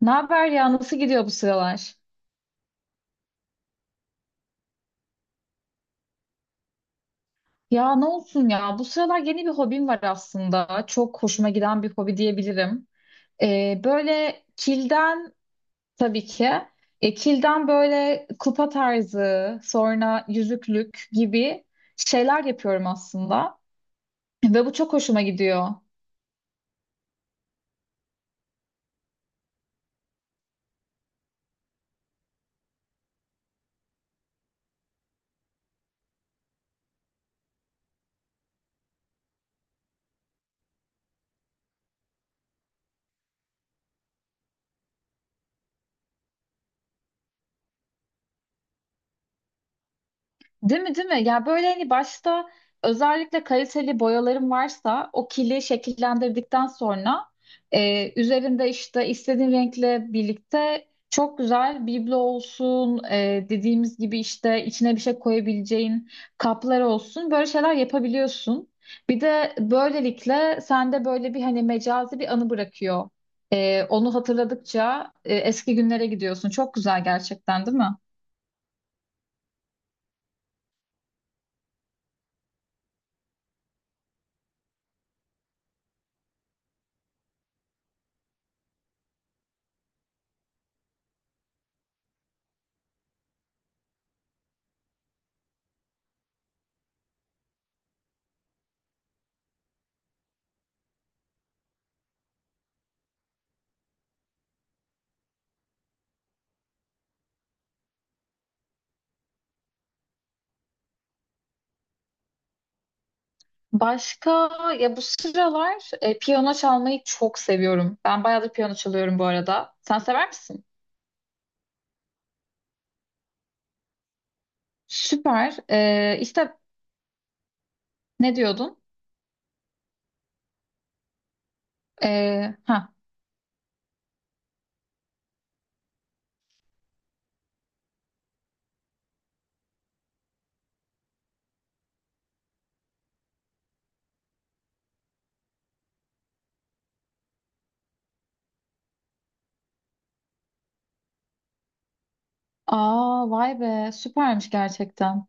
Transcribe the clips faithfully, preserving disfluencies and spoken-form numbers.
Ne haber ya? Nasıl gidiyor bu sıralar? Ya ne olsun ya? Bu sıralar yeni bir hobim var aslında. Çok hoşuma giden bir hobi diyebilirim. Ee, böyle kilden tabii ki. E, kilden böyle kupa tarzı, sonra yüzüklük gibi şeyler yapıyorum aslında. Ve bu çok hoşuma gidiyor. Değil mi değil mi? Ya böyle hani başta özellikle kaliteli boyalarım varsa o kili şekillendirdikten sonra e, üzerinde işte istediğin renkle birlikte çok güzel biblo olsun, e, dediğimiz gibi işte içine bir şey koyabileceğin kaplar olsun, böyle şeyler yapabiliyorsun. Bir de böylelikle sende böyle bir hani mecazi bir anı bırakıyor. E, onu hatırladıkça e, eski günlere gidiyorsun. Çok güzel gerçekten değil mi? Başka ya bu sıralar e, piyano çalmayı çok seviyorum. Ben bayağıdır piyano çalıyorum bu arada. Sen sever misin? Süper. E, işte ne diyordun? E, ha. Aa, vay be, süpermiş gerçekten.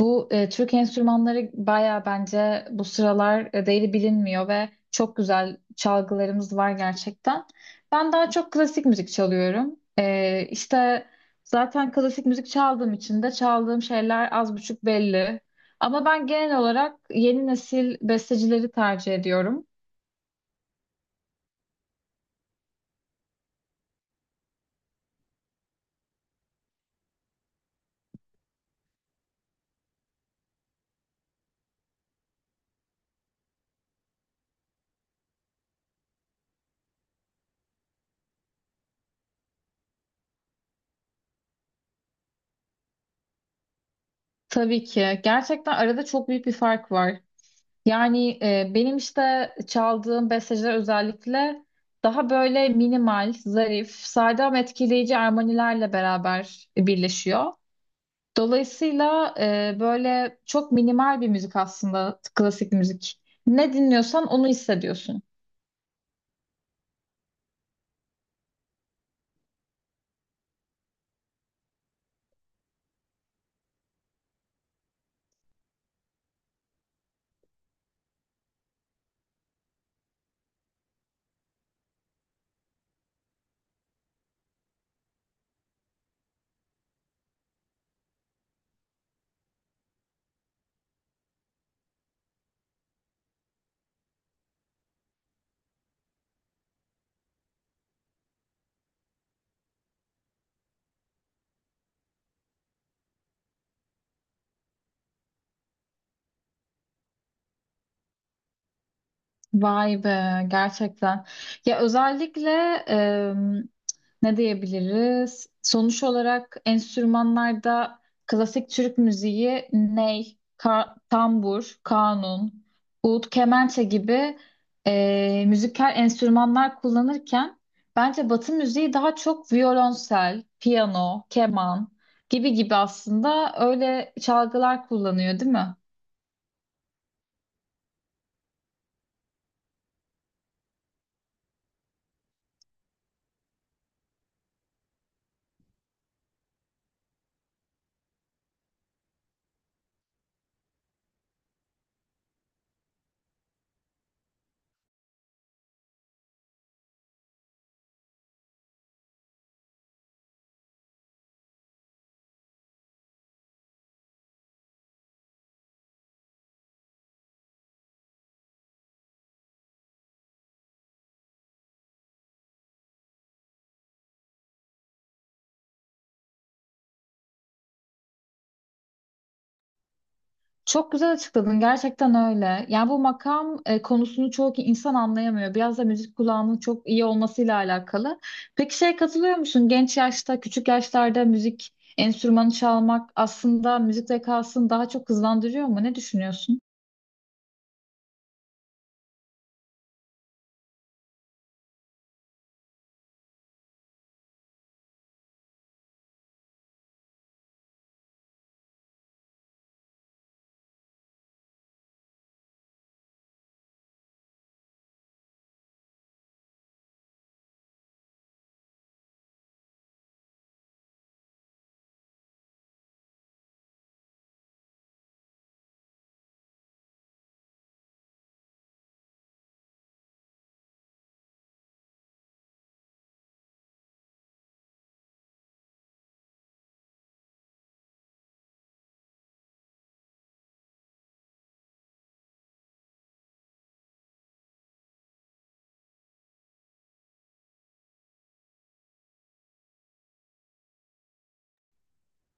Bu e, Türk enstrümanları baya bence bu sıralar e, değeri bilinmiyor ve çok güzel çalgılarımız var gerçekten. Ben daha çok klasik müzik çalıyorum. E, işte zaten klasik müzik çaldığım için de çaldığım şeyler az buçuk belli. Ama ben genel olarak yeni nesil bestecileri tercih ediyorum. Tabii ki. Gerçekten arada çok büyük bir fark var. Yani e, benim işte çaldığım besteler özellikle daha böyle minimal, zarif, sade ama etkileyici armonilerle beraber birleşiyor. Dolayısıyla e, böyle çok minimal bir müzik aslında klasik müzik. Ne dinliyorsan onu hissediyorsun. Vay be, gerçekten. Ya özellikle em, ne diyebiliriz? Sonuç olarak enstrümanlarda klasik Türk müziği ney, ka- tambur, kanun, ud, kemençe gibi e, müzikal enstrümanlar kullanırken bence Batı müziği daha çok violonsel, piyano, keman gibi gibi aslında öyle çalgılar kullanıyor, değil mi? Çok güzel açıkladın. Gerçekten öyle. Yani bu makam e, konusunu çoğu insan anlayamıyor. Biraz da müzik kulağının çok iyi olmasıyla alakalı. Peki şeye katılıyor musun? Genç yaşta, küçük yaşlarda müzik enstrümanı çalmak aslında müzik zekasını daha çok hızlandırıyor mu? Ne düşünüyorsun?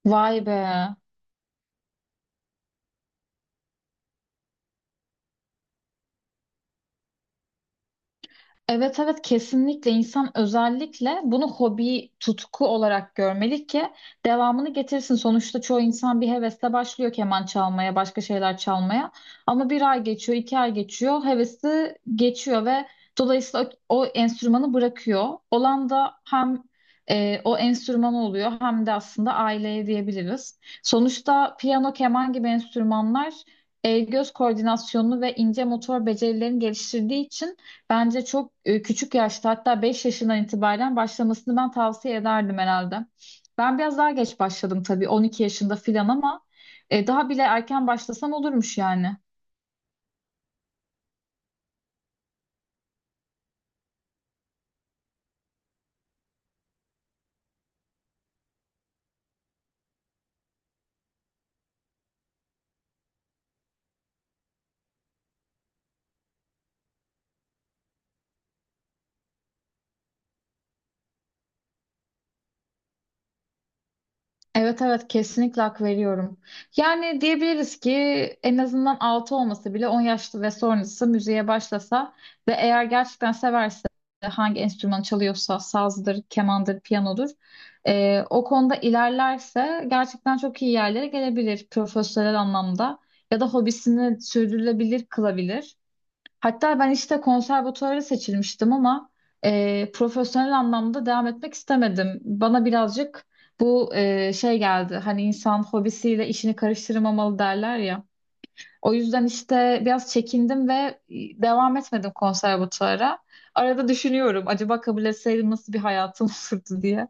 Vay be. Evet, evet, kesinlikle insan özellikle bunu hobi, tutku olarak görmeli ki devamını getirsin. Sonuçta çoğu insan bir hevesle başlıyor keman çalmaya, başka şeyler çalmaya. Ama bir ay geçiyor, iki ay geçiyor, hevesi geçiyor ve dolayısıyla o, o enstrümanı bırakıyor. Olan da hem e, o enstrüman oluyor hem de aslında aileye diyebiliriz. Sonuçta piyano, keman gibi enstrümanlar el göz koordinasyonunu ve ince motor becerilerini geliştirdiği için bence çok e, küçük yaşta, hatta beş yaşından itibaren başlamasını ben tavsiye ederdim herhalde. Ben biraz daha geç başladım tabii, on iki yaşında filan, ama e, daha bile erken başlasam olurmuş yani. Evet, evet, kesinlikle hak veriyorum. Yani diyebiliriz ki en azından altı olması bile, on yaşlı ve sonrası müziğe başlasa ve eğer gerçekten severse, hangi enstrüman çalıyorsa sazdır, kemandır, piyanodur, e, o konuda ilerlerse gerçekten çok iyi yerlere gelebilir profesyonel anlamda ya da hobisini sürdürülebilir kılabilir. Hatta ben işte konservatuvara seçilmiştim, ama e, profesyonel anlamda devam etmek istemedim. Bana birazcık bu e, şey geldi. Hani insan hobisiyle işini karıştırmamalı derler ya. O yüzden işte biraz çekindim ve e, devam etmedim konservatuvara. Arada düşünüyorum, acaba kabul etseydim nasıl bir hayatım olurdu diye.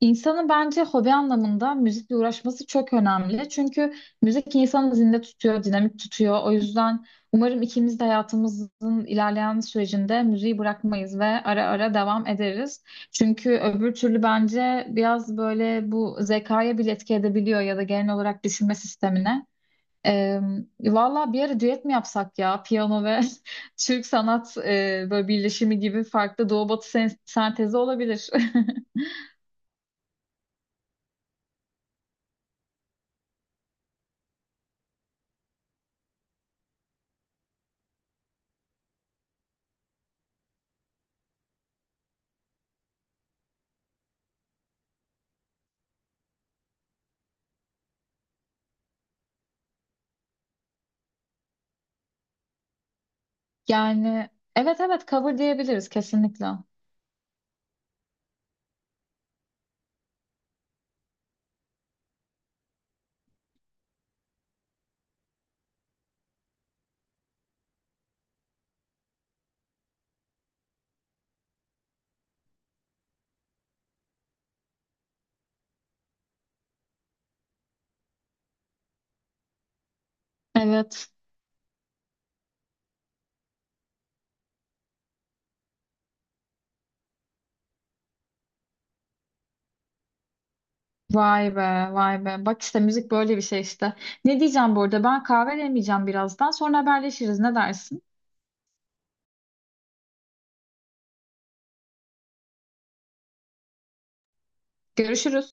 İnsanın bence hobi anlamında müzikle uğraşması çok önemli. Çünkü müzik insanı zinde tutuyor, dinamik tutuyor. O yüzden umarım ikimiz de hayatımızın ilerleyen sürecinde müziği bırakmayız ve ara ara devam ederiz. Çünkü öbür türlü bence biraz böyle bu zekaya bile etki edebiliyor ya da genel olarak düşünme sistemine. Ee, Valla bir ara düet mi yapsak ya? Piyano ve Türk sanat, e, böyle birleşimi gibi farklı doğu batı sen- sentezi olabilir. Yani evet, evet, cover diyebiliriz kesinlikle. Evet. Vay be, vay be. Bak işte müzik böyle bir şey işte. Ne diyeceğim bu arada? Ben kahve demeyeceğim birazdan. Sonra haberleşiriz. Ne dersin? Görüşürüz.